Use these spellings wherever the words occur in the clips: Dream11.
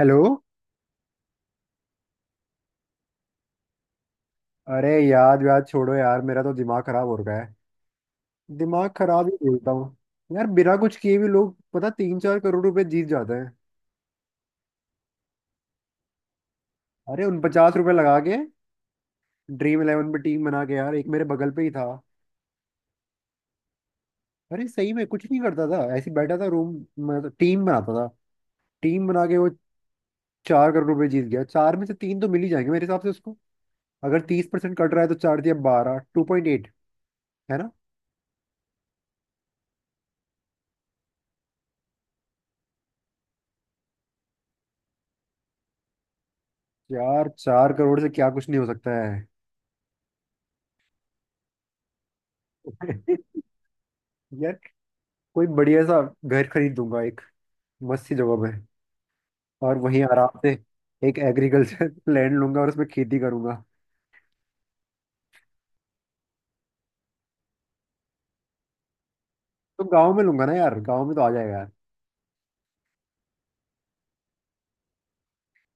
Hello. अरे, याद याद छोड़ो यार, मेरा तो दिमाग खराब हो रखा है। दिमाग खराब ही बोलता हूँ। यार बिना कुछ किए भी लोग, पता, तीन चार करोड़ रुपए जीत जाते हैं। अरे, उन 50 रुपए लगा के ड्रीम इलेवन पे टीम बना के यार एक मेरे बगल पे ही था। अरे सही में कुछ नहीं करता था, ऐसे ही बैठा था रूम, मतलब टीम बनाता था। टीम बना के वो 4 करोड़ रुपए जीत गया। चार में से तीन तो मिल ही जाएंगे मेरे हिसाब से उसको। अगर 30% कट रहा है तो चार दिया बारह, 2.8, है ना। यार 4 करोड़ से क्या कुछ नहीं हो सकता है। यार कोई बढ़िया सा घर खरीद दूंगा एक मस्त सी जगह पे, और वहीं आराम से एक एग्रीकल्चर लैंड लूंगा और उसमें खेती करूंगा। तो गांव में लूंगा ना यार, गांव में तो आ जाएगा यार।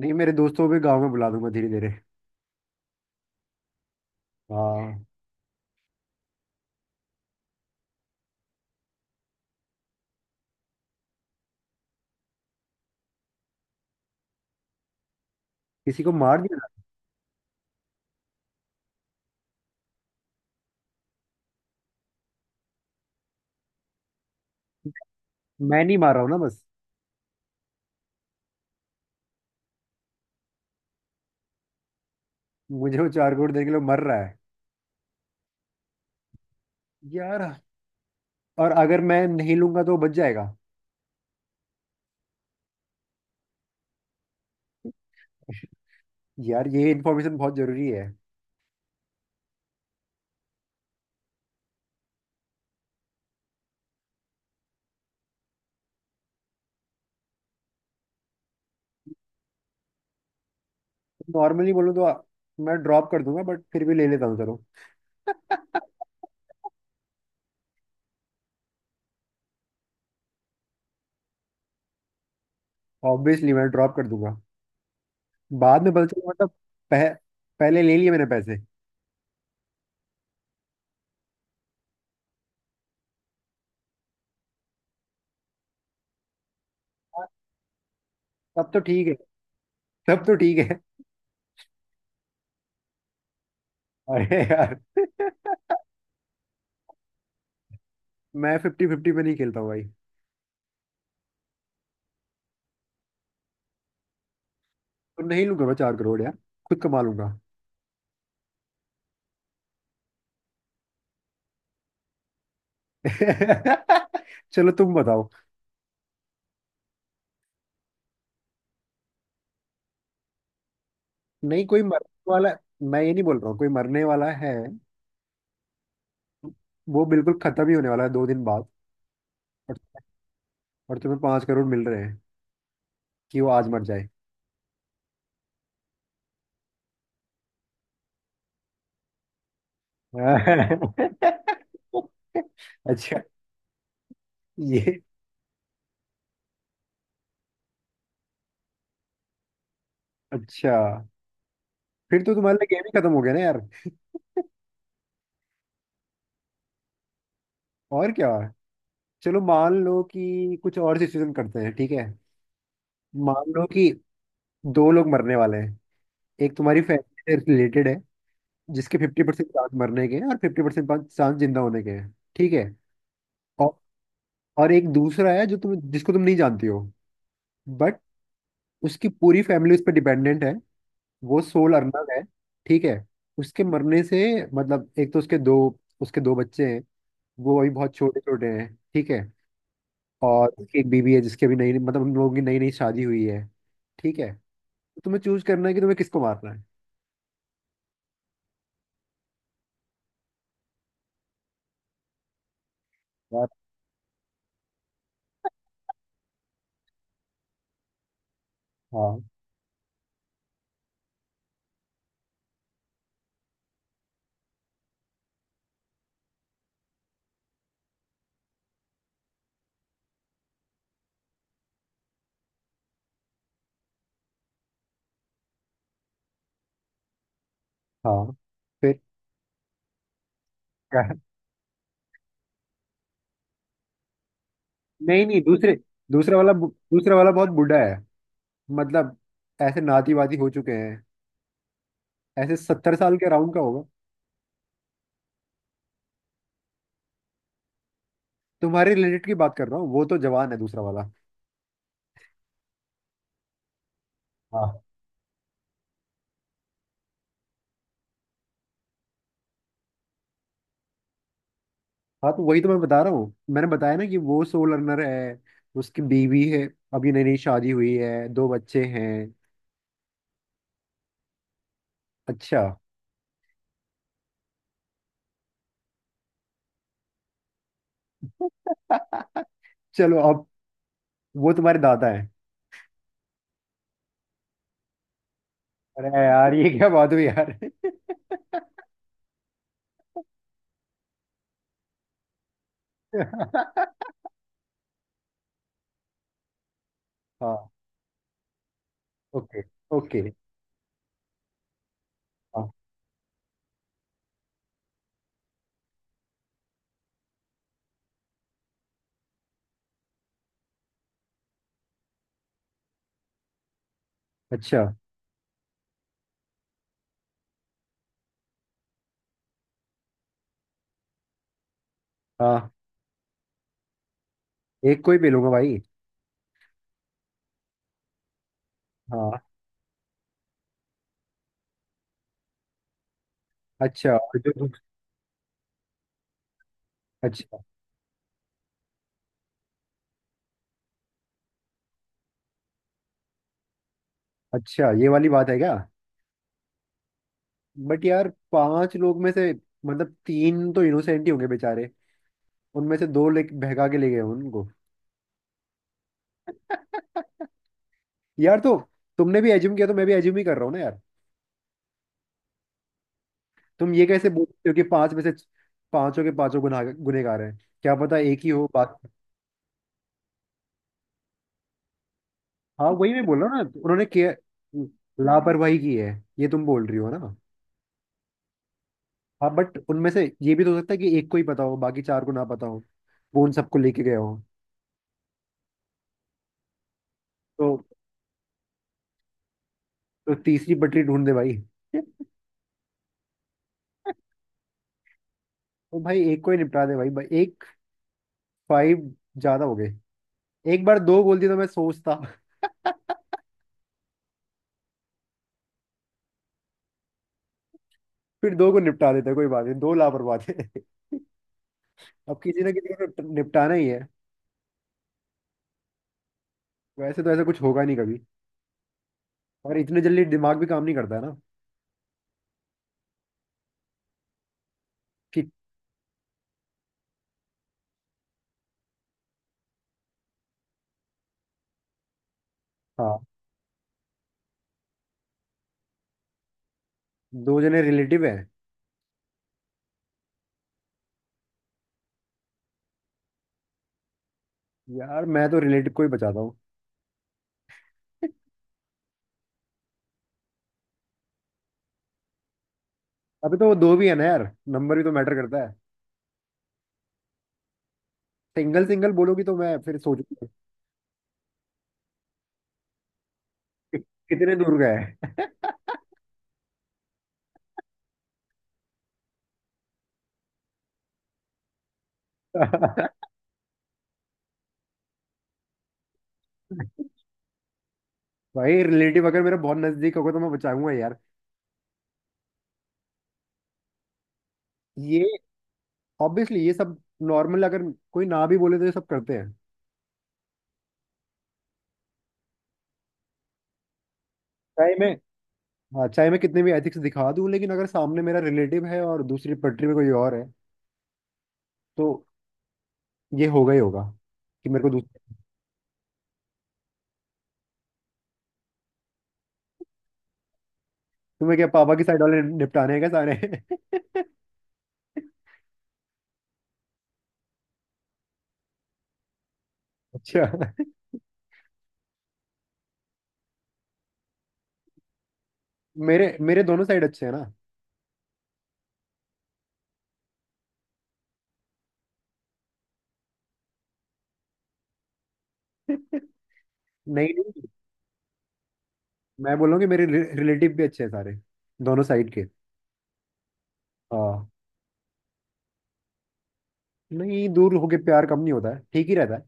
नहीं, मेरे दोस्तों को भी गांव में बुला दूंगा धीरे धीरे। हाँ। किसी को मार दिया ना। मैं नहीं मार रहा हूँ ना, बस। मुझे वो 4 करोड़ देने के लिए मर रहा है यार। और अगर मैं नहीं लूंगा तो वो बच जाएगा। यार ये इन्फॉर्मेशन बहुत जरूरी है। नॉर्मली बोलूँ तो मैं ड्रॉप कर दूंगा, बट फिर भी ले लेता हूँ, चलो। ऑब्वियसली मैं ड्रॉप कर दूंगा। बाद में पता चला मतलब, पह, पहले ले लिए मैंने पैसे। तब तो ठीक है। तब तो ठीक है। अरे यार। मैं फिफ्टी फिफ्टी पे नहीं खेलता हूँ भाई। तो नहीं लूंगा मैं 4 करोड़ यार, खुद कमा लूंगा। चलो तुम बताओ। नहीं, कोई मरने वाला। मैं ये नहीं बोल रहा हूँ कोई मरने वाला है। वो बिल्कुल खत्म ही होने वाला है 2 दिन बाद। और, और तुम्हें 5 करोड़ मिल रहे हैं कि वो आज मर जाए। अच्छा। ये अच्छा, फिर तो तुम्हारे लिए गेम ही खत्म हो गया ना यार। और क्या। चलो मान लो कि कुछ और सिचुएशन करते हैं, ठीक है। मान लो कि दो लोग मरने वाले हैं। एक तुम्हारी फैमिली से रिलेटेड है, जिसके 50% चांस मरने के हैं और 50% चांस जिंदा होने के हैं, ठीक है। और और एक दूसरा है, जो तुम जिसको तुम नहीं जानती हो, बट उसकी पूरी फैमिली उस पर डिपेंडेंट है। वो सोल अर्नब है, ठीक है। उसके मरने से मतलब, एक तो उसके दो बच्चे हैं, वो अभी बहुत छोटे छोटे हैं, ठीक है। और उसकी एक बीवी है, जिसकी अभी नई मतलब हम लोगों की नई नई शादी हुई है, ठीक है। तो तुम्हें चूज करना है कि तुम्हें किसको मारना है यार। हाँ हाँ, फिर। क्या है? नहीं नहीं, दूसरे दूसरा वाला बहुत बूढ़ा है, मतलब ऐसे नाती वाती हो चुके हैं, ऐसे 70 साल के अराउंड का होगा। तुम्हारे रिलेटेड की बात कर रहा हूँ, वो तो जवान है दूसरा वाला। हाँ हाँ, तो वही तो मैं बता रहा हूँ। मैंने बताया ना कि वो सोल अर्नर है, उसकी बीवी है, अभी नई नई शादी हुई है, दो बच्चे हैं। अच्छा। चलो अब। वो तुम्हारे दादा है। अरे यार ये क्या बात हुई यार। हाँ। Okay okay. हाँ, अच्छा, हाँ, एक कोई भी लूंगा भाई। हाँ, अच्छा। और जो, अच्छा अच्छा, ये वाली बात है क्या? बट यार पांच लोग में से, मतलब तीन तो इनोसेंट ही होंगे बेचारे, उनमें से दो ले भगा के ले गए उनको। यार तो, तुमने भी एज्यूम किया तो मैं भी एज्यूम ही कर रहा हूँ ना यार। तुम ये कैसे बोल सकते हो कि पांच में से पांचों के पांचों गुनाह गुनहगार हैं, क्या पता एक ही हो बाकी। हाँ वही मैं बोल रहा हूँ ना, उन्होंने किया, लापरवाही की है। ये तुम बोल रही हो ना। हाँ, बट उनमें से ये भी तो हो सकता है कि एक को ही पता हो बाकी चार को ना पता हो, वो उन सबको लेके गया हो। तो, तो तीसरी पटरी ढूंढ दे भाई। तो भाई एक को ही निपटा दे, भाई भाई एक, फाइव ज्यादा हो गए। एक बार दो बोल दिया तो मैं सोचता। फिर दो को निपटा देते कोई बात नहीं, दो लापरवाह थे। अब किसी ना किसी को निपटाना ही है। वैसे तो ऐसा कुछ होगा नहीं कभी, और इतने जल्दी दिमाग भी काम नहीं करता है ना, कि। हाँ, दो जने रिलेटिव है। यार मैं तो रिलेटिव को ही बचाता हूँ। अभी तो वो दो भी है ना यार, नंबर भी तो मैटर करता है। सिंगल सिंगल बोलोगी तो मैं फिर सोचूंगा कि कितने दूर गए। भाई रिलेटिव अगर मेरा बहुत नजदीक होगा तो मैं बचाऊंगा यार। ये ऑब्वियसली ये सब नॉर्मल, अगर कोई ना भी बोले तो ये सब करते हैं। चाहे मैं हाँ, चाहे मैं कितने भी एथिक्स दिखा दूं, लेकिन अगर सामने मेरा रिलेटिव है और दूसरी पटरी में कोई और है, तो ये होगा ही होगा, कि मेरे को दूसरा। तुम्हें क्या पापा की साइड वाले निपटाने हैं क्या सारे? अच्छा। मेरे मेरे दोनों साइड अच्छे हैं ना। नहीं नहीं, मैं बोल रहा हूँ कि मेरे रिलेटिव भी अच्छे हैं सारे, दोनों साइड के। हाँ। नहीं, दूर होके प्यार कम नहीं होता है, ठीक ही रहता है।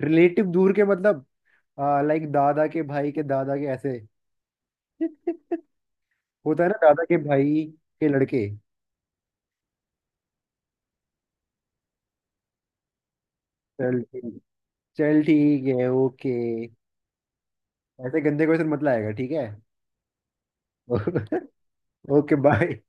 रिलेटिव दूर के मतलब, लाइक दादा के भाई के, दादा के, ऐसे। होता है ना, दादा के भाई के लड़के। चल ठीक चल ठीक है, ओके। ऐसे गंदे क्वेश्चन मत लाएगा, ठीक है। Okay, bye.